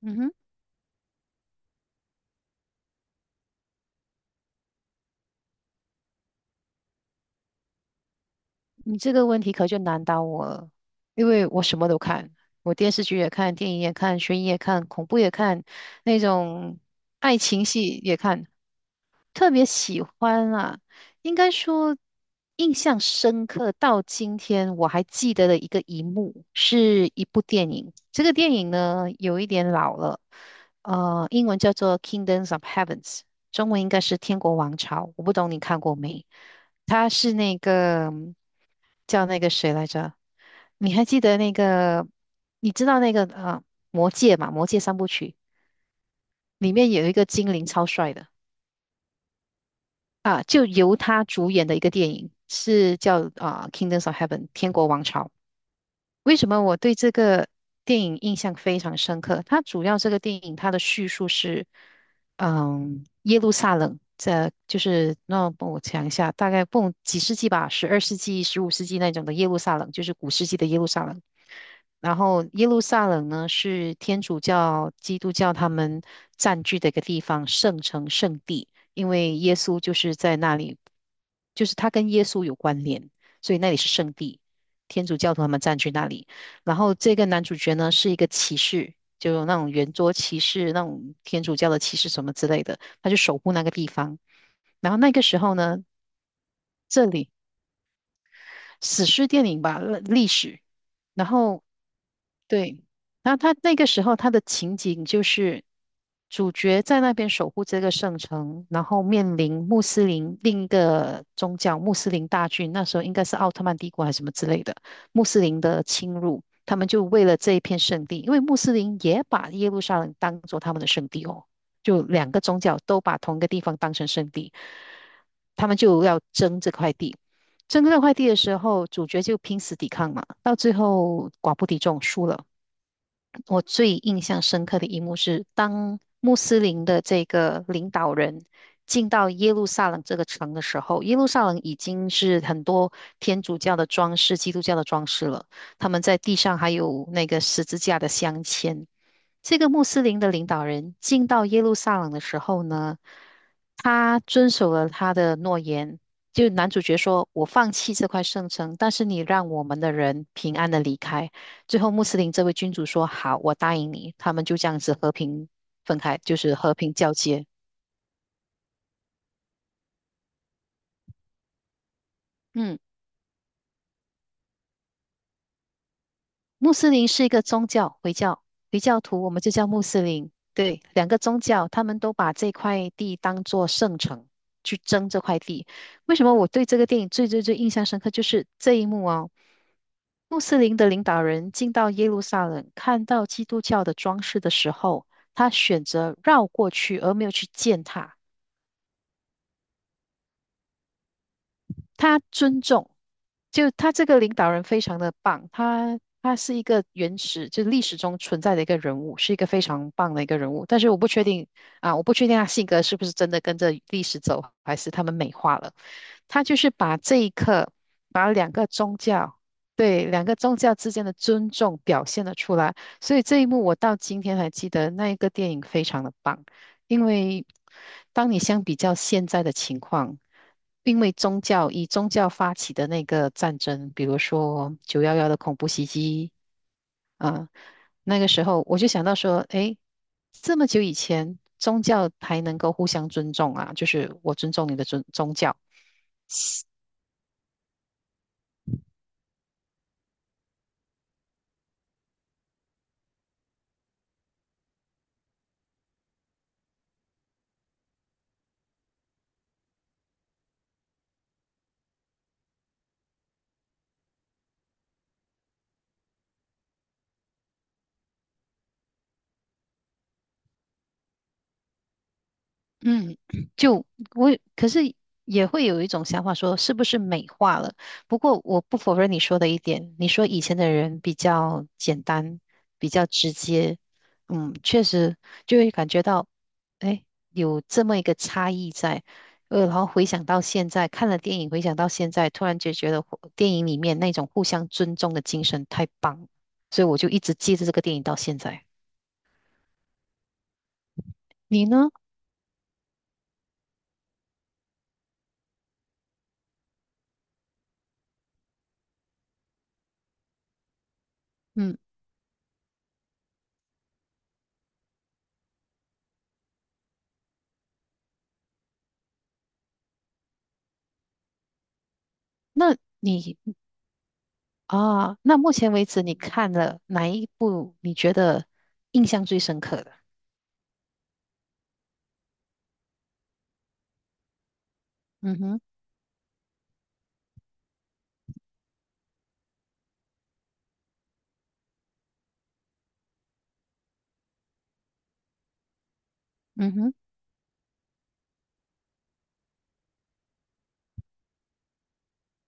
嗯哼，你这个问题可就难倒我了，因为我什么都看，我电视剧也看，电影也看，悬疑也看，恐怖也看，那种爱情戏也看。特别喜欢啊，应该说印象深刻到今天我还记得的一幕，是一部电影。这个电影呢有一点老了，英文叫做《Kingdoms of Heavens》，中文应该是《天国王朝》。我不懂你看过没？它是那个叫那个谁来着？你还记得那个？你知道那个《魔戒》嘛，《魔戒》三部曲里面有一个精灵超帅的。啊，就由他主演的一个电影，是叫啊《Kingdoms of Heaven》天国王朝。为什么我对这个电影印象非常深刻？它主要这个电影它的叙述是，嗯，耶路撒冷这就是那我讲一下，大概不几世纪吧，十二世纪、十五世纪那种的耶路撒冷，就是古世纪的耶路撒冷。然后耶路撒冷呢，是天主教、基督教他们占据的一个地方，圣城、圣地，因为耶稣就是在那里，就是他跟耶稣有关联，所以那里是圣地。天主教徒他们占据那里。然后这个男主角呢，是一个骑士，就有那种圆桌骑士、那种天主教的骑士什么之类的，他就守护那个地方。然后那个时候呢，这里史诗电影吧，历史。然后对，然后他那个时候他的情景就是主角在那边守护这个圣城，然后面临穆斯林另一个宗教穆斯林大军，那时候应该是奥特曼帝国还是什么之类的穆斯林的侵入，他们就为了这一片圣地，因为穆斯林也把耶路撒冷当做他们的圣地哦，就两个宗教都把同一个地方当成圣地，他们就要争这块地。争这块地的时候，主角就拼死抵抗嘛，到最后寡不敌众，输了。我最印象深刻的一幕是，当穆斯林的这个领导人进到耶路撒冷这个城的时候，耶路撒冷已经是很多天主教的装饰、基督教的装饰了。他们在地上还有那个十字架的镶嵌。这个穆斯林的领导人进到耶路撒冷的时候呢，他遵守了他的诺言。就男主角说：“我放弃这块圣城，但是你让我们的人平安的离开。”最后穆斯林这位君主说：“好，我答应你。”他们就这样子和平分开，就是和平交接。嗯，穆斯林是一个宗教，回教，回教徒我们就叫穆斯林。对，两个宗教，他们都把这块地当做圣城去争这块地。为什么我对这个电影最印象深刻，就是这一幕哦。穆斯林的领导人进到耶路撒冷，看到基督教的装饰的时候，他选择绕过去，而没有去践踏。他尊重，就他这个领导人非常的棒，他是一个原始，就历史中存在的一个人物，是一个非常棒的一个人物。但是我不确定啊，我不确定他性格是不是真的跟着历史走，还是他们美化了。他就是把这一刻，把两个宗教，对，两个宗教之间的尊重表现了出来。所以这一幕我到今天还记得，那一个电影非常的棒。因为当你相比较现在的情况，因为宗教以宗教发起的那个战争，比如说九幺幺的恐怖袭击啊，那个时候我就想到说，诶，这么久以前，宗教还能够互相尊重啊，就是我尊重你的尊宗教，嗯，就我可是也会有一种想法说，是不是美化了？不过我不否认你说的一点，你说以前的人比较简单，比较直接，嗯，确实就会感觉到，哎，有这么一个差异在。然后回想到现在，看了电影，回想到现在，突然就觉得互电影里面那种互相尊重的精神太棒了，所以我就一直记着这个电影到现在。你呢？嗯，那你啊，那目前为止你看了哪一部你觉得印象最深刻的？嗯哼，嗯哼，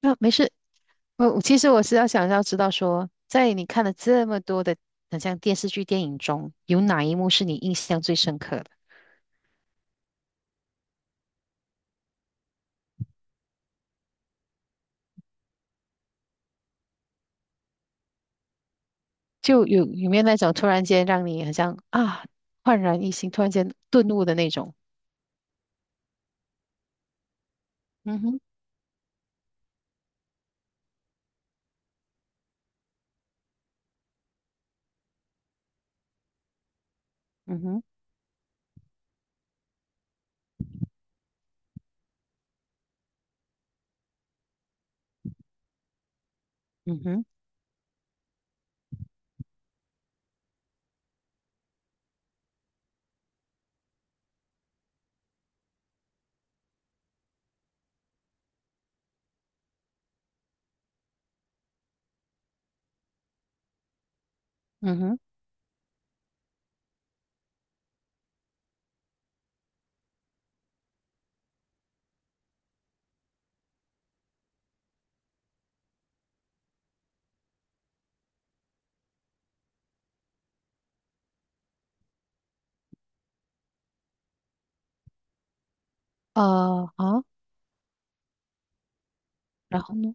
那、没事。我其实是要想要知道说，在你看了这么多的很像电视剧、电影中，有哪一幕是你印象最深刻的？就有没有那种突然间让你好像啊焕然一新，突然间顿悟的那种？嗯哼，嗯哼，嗯哼，嗯哼，啊好，然后呢？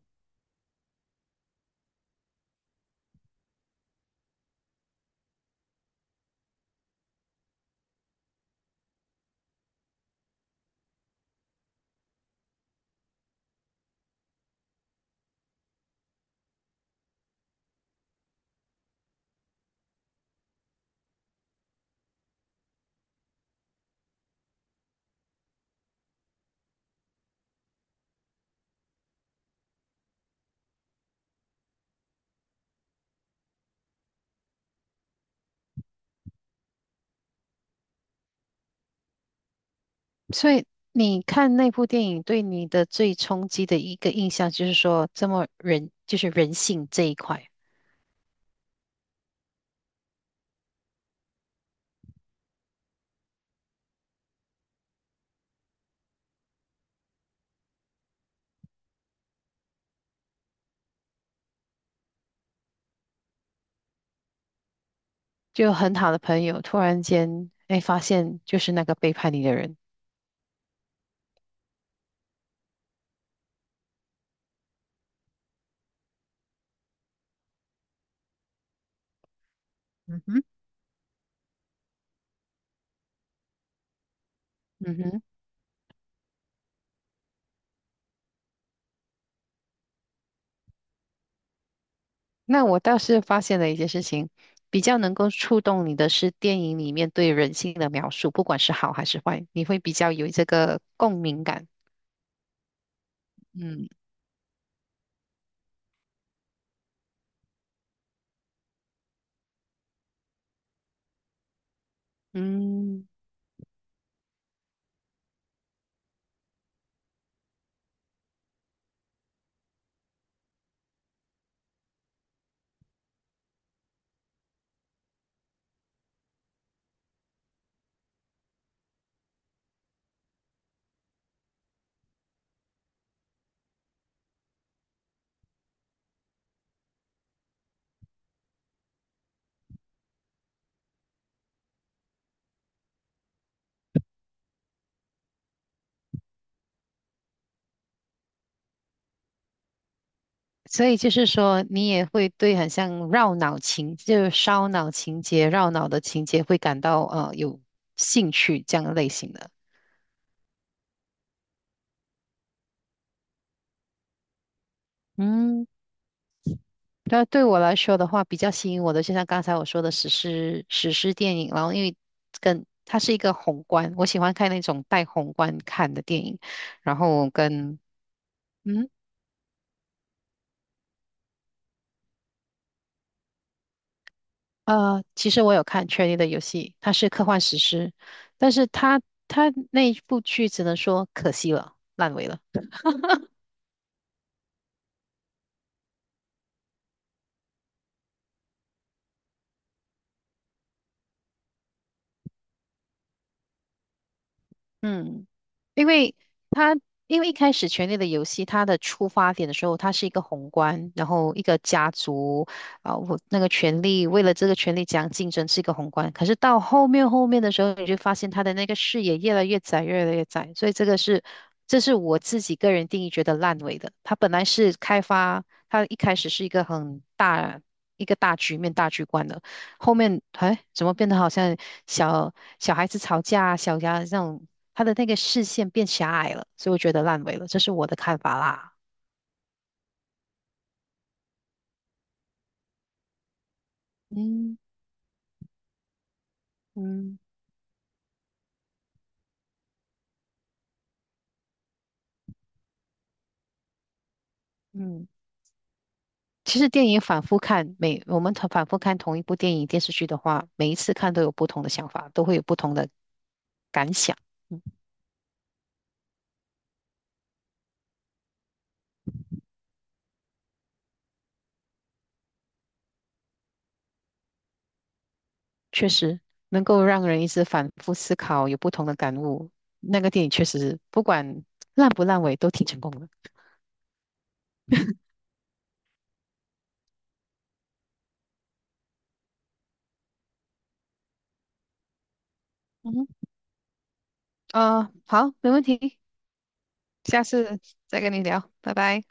所以你看那部电影对你的最冲击的一个印象，就是说这么人，就是人性这一块，就很好的朋友突然间，哎，发现就是那个背叛你的人。嗯哼，嗯哼，那我倒是发现了一件事情，比较能够触动你的是电影里面对人性的描述，不管是好还是坏，你会比较有这个共鸣感。嗯，嗯。所以就是说，你也会对很像绕脑情，就是烧脑情节、绕脑的情节会感到有兴趣这样类型的。嗯，那对我来说的话，比较吸引我的，就像刚才我说的史诗电影，然后因为跟它是一个宏观，我喜欢看那种带宏观看的电影，然后跟嗯其实我有看《权力的游戏》，它是科幻史诗，但是它那一部剧只能说可惜了，烂尾了。嗯，因为他因为一开始《权力的游戏》它的出发点的时候，它是一个宏观，然后一个家族啊，我那个权力为了这个权力讲竞争是一个宏观，可是到后面的时候，你就发现他的那个视野越来越窄，越来越窄，所以这个是这是我自己个人定义觉得烂尾的。它本来是开发，它一开始是一个很大一个大局面大局观的。后面哎，怎么变得好像小小孩子吵架、小家这种，他的那个视线变狭隘了，所以我觉得烂尾了，这是我的看法啦。嗯嗯嗯，其实电影反复看，每我们同反复看同一部电影电视剧的话，每一次看都有不同的想法，都会有不同的感想。嗯，确实能够让人一直反复思考，有不同的感悟。那个电影确实不管烂不烂尾都挺成功的。嗯哼，啊、好，没问题。下次再跟你聊，拜拜。